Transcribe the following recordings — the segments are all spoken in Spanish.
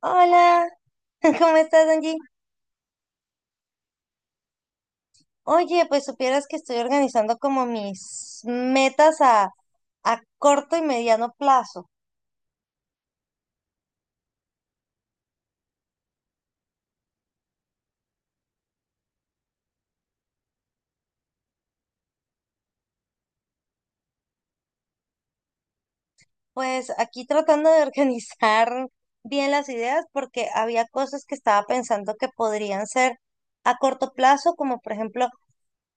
Hola, ¿cómo estás, Angie? Oye, pues supieras que estoy organizando como mis metas a corto y mediano plazo. Pues aquí tratando de organizar bien las ideas porque había cosas que estaba pensando que podrían ser a corto plazo, como por ejemplo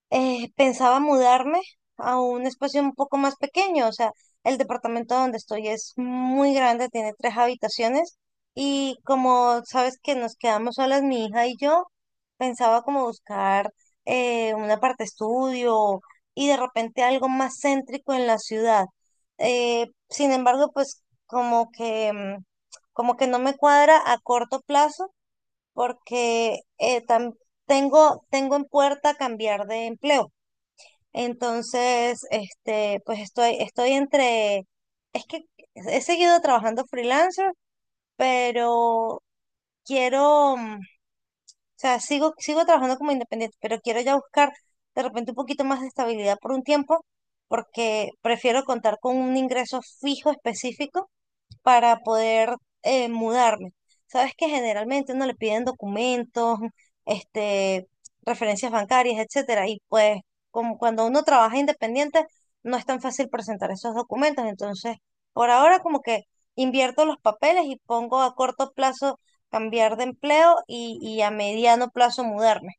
pensaba mudarme a un espacio un poco más pequeño, o sea, el departamento donde estoy es muy grande, tiene tres habitaciones y como sabes que nos quedamos solas mi hija y yo, pensaba como buscar un aparte estudio y de repente algo más céntrico en la ciudad. Sin embargo, pues como que, como que no me cuadra a corto plazo porque tengo, tengo en puerta cambiar de empleo. Entonces, este, pues estoy, estoy entre, es que he seguido trabajando freelancer, pero quiero, o sea, sigo, sigo trabajando como independiente, pero quiero ya buscar de repente un poquito más de estabilidad por un tiempo, porque prefiero contar con un ingreso fijo específico para poder mudarme. Sabes que generalmente uno le piden documentos, este, referencias bancarias, etcétera, y pues como cuando uno trabaja independiente no es tan fácil presentar esos documentos, entonces por ahora como que invierto los papeles y pongo a corto plazo cambiar de empleo y a mediano plazo mudarme.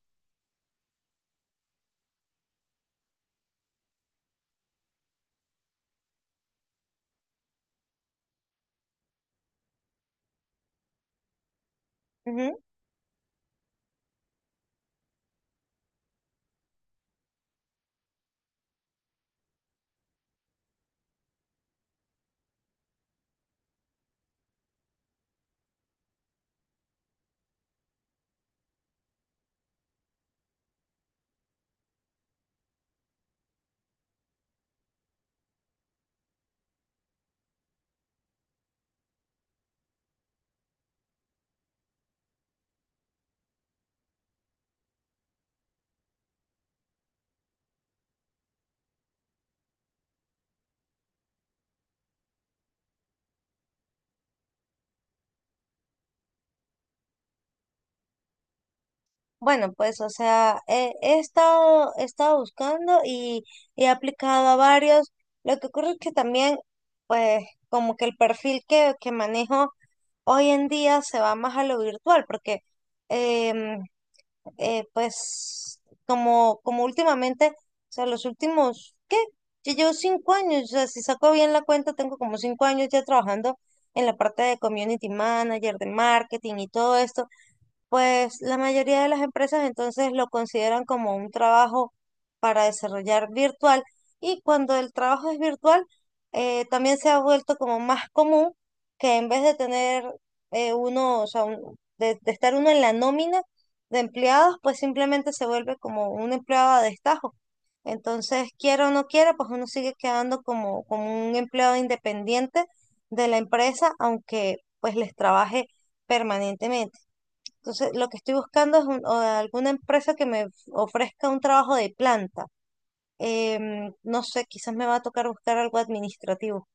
Bueno, pues, o sea, he, he estado buscando y he aplicado a varios. Lo que ocurre es que también, pues, como que el perfil que manejo hoy en día se va más a lo virtual, porque, em, pues, como últimamente, o sea, los últimos, ¿qué? Yo llevo cinco años, o sea, si saco bien la cuenta, tengo como cinco años ya trabajando en la parte de community manager, de marketing y todo esto. Pues la mayoría de las empresas entonces lo consideran como un trabajo para desarrollar virtual y cuando el trabajo es virtual también se ha vuelto como más común que en vez de tener o sea, de estar uno en la nómina de empleados, pues simplemente se vuelve como un empleado a destajo. Entonces, quiera o no quiera, pues uno sigue quedando como, como un empleado independiente de la empresa, aunque pues les trabaje permanentemente. Entonces, lo que estoy buscando es o alguna empresa que me ofrezca un trabajo de planta. Em, no sé, quizás me va a tocar buscar algo administrativo.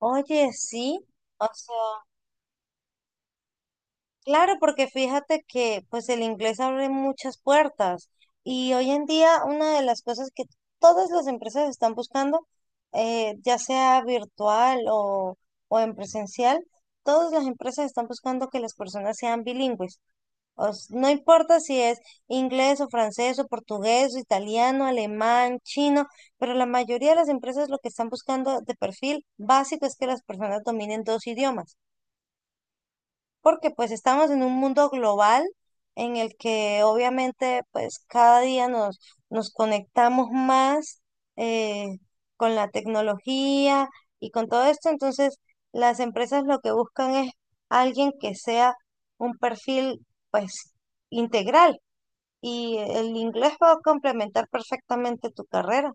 Oye, sí, o sea, claro, porque fíjate que pues el inglés abre muchas puertas y hoy en día una de las cosas que todas las empresas están buscando, ya sea virtual o en presencial, todas las empresas están buscando que las personas sean bilingües. O s- no importa si es inglés o francés o portugués o italiano, alemán, chino, pero la mayoría de las empresas lo que están buscando de perfil básico es que las personas dominen dos idiomas, porque pues estamos en un mundo global en el que obviamente pues cada día nos, nos conectamos más eh, con la tecnología y con todo esto, entonces las empresas lo que buscan es alguien que sea un perfil pues integral y el inglés va a complementar perfectamente tu carrera.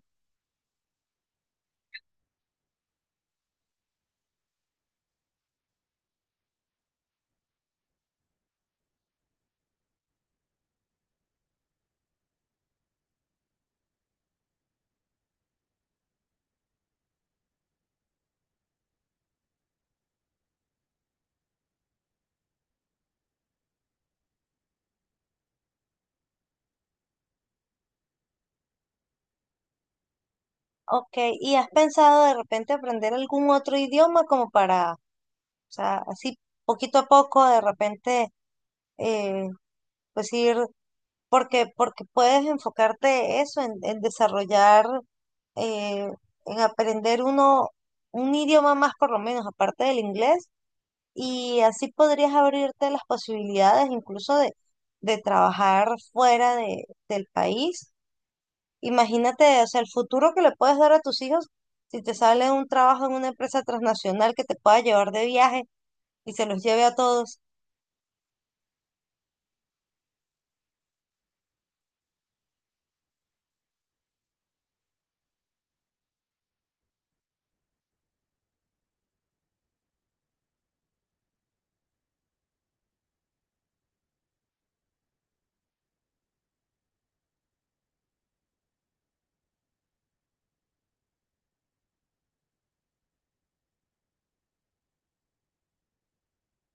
Ok, ¿y has pensado de repente aprender algún otro idioma como para, o sea, así poquito a poco de repente, eh, pues ir, porque, porque puedes enfocarte eso, en desarrollar, eh, en aprender uno, un idioma más por lo menos, aparte del inglés, y así podrías abrirte las posibilidades incluso de trabajar fuera de, del país. Imagínate, o sea, el futuro que le puedes dar a tus hijos si te sale un trabajo en una empresa transnacional que te pueda llevar de viaje y se los lleve a todos.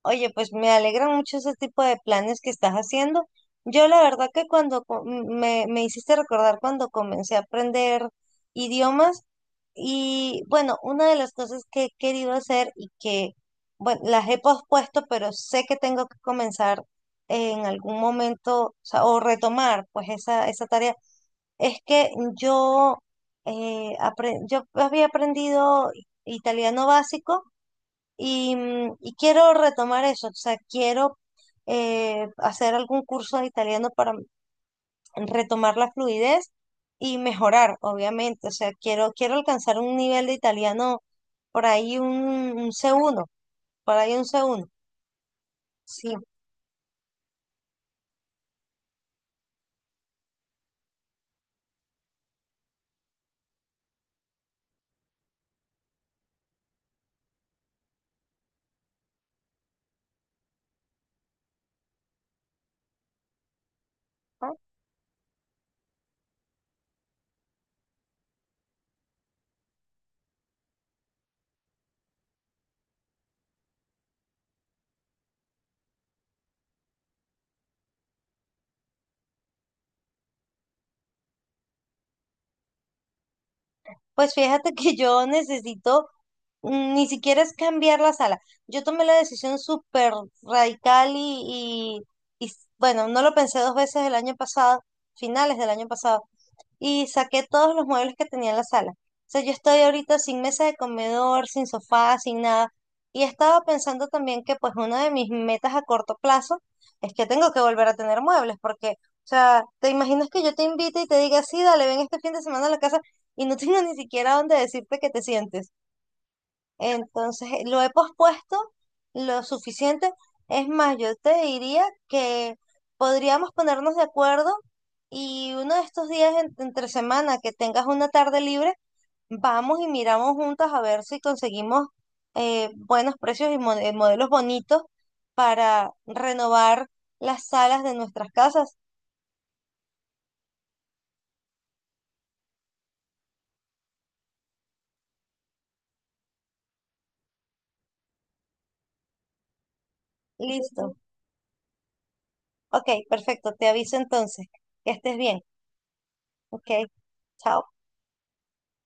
Oye, pues me alegran mucho ese tipo de planes que estás haciendo. Yo la verdad que cuando me hiciste recordar cuando comencé a aprender idiomas y bueno, una de las cosas que he querido hacer y que, bueno, las he pospuesto, pero sé que tengo que comenzar en algún momento, o sea, o retomar pues esa tarea. Es que yo, yo había aprendido italiano básico y y quiero retomar eso, o sea, quiero hacer algún curso de italiano para retomar la fluidez y mejorar, obviamente, o sea, quiero, quiero alcanzar un nivel de italiano por ahí un c uno por ahí un c uno sí. Ah, pues fíjate que yo necesito, ni siquiera es cambiar la sala. Yo tomé la decisión súper radical y bueno, no lo pensé dos veces el año pasado, finales del año pasado, y saqué todos los muebles que tenía en la sala. O sea, yo estoy ahorita sin mesa de comedor, sin sofá, sin nada. Y estaba pensando también que pues una de mis metas a corto plazo es que tengo que volver a tener muebles, porque, o sea, te imaginas que yo te invite y te diga, sí, dale, ven este fin de semana a la casa y no tengo ni siquiera dónde decirte que te sientes. Entonces, lo he pospuesto lo suficiente. Es más, yo te diría que podríamos ponernos de acuerdo y uno de estos días entre semana que tengas una tarde libre, vamos y miramos juntas a ver si conseguimos buenos precios y modelos bonitos para renovar las salas de nuestras casas. Listo. Ok, perfecto. Te aviso entonces. Que estés bien. Ok, chao.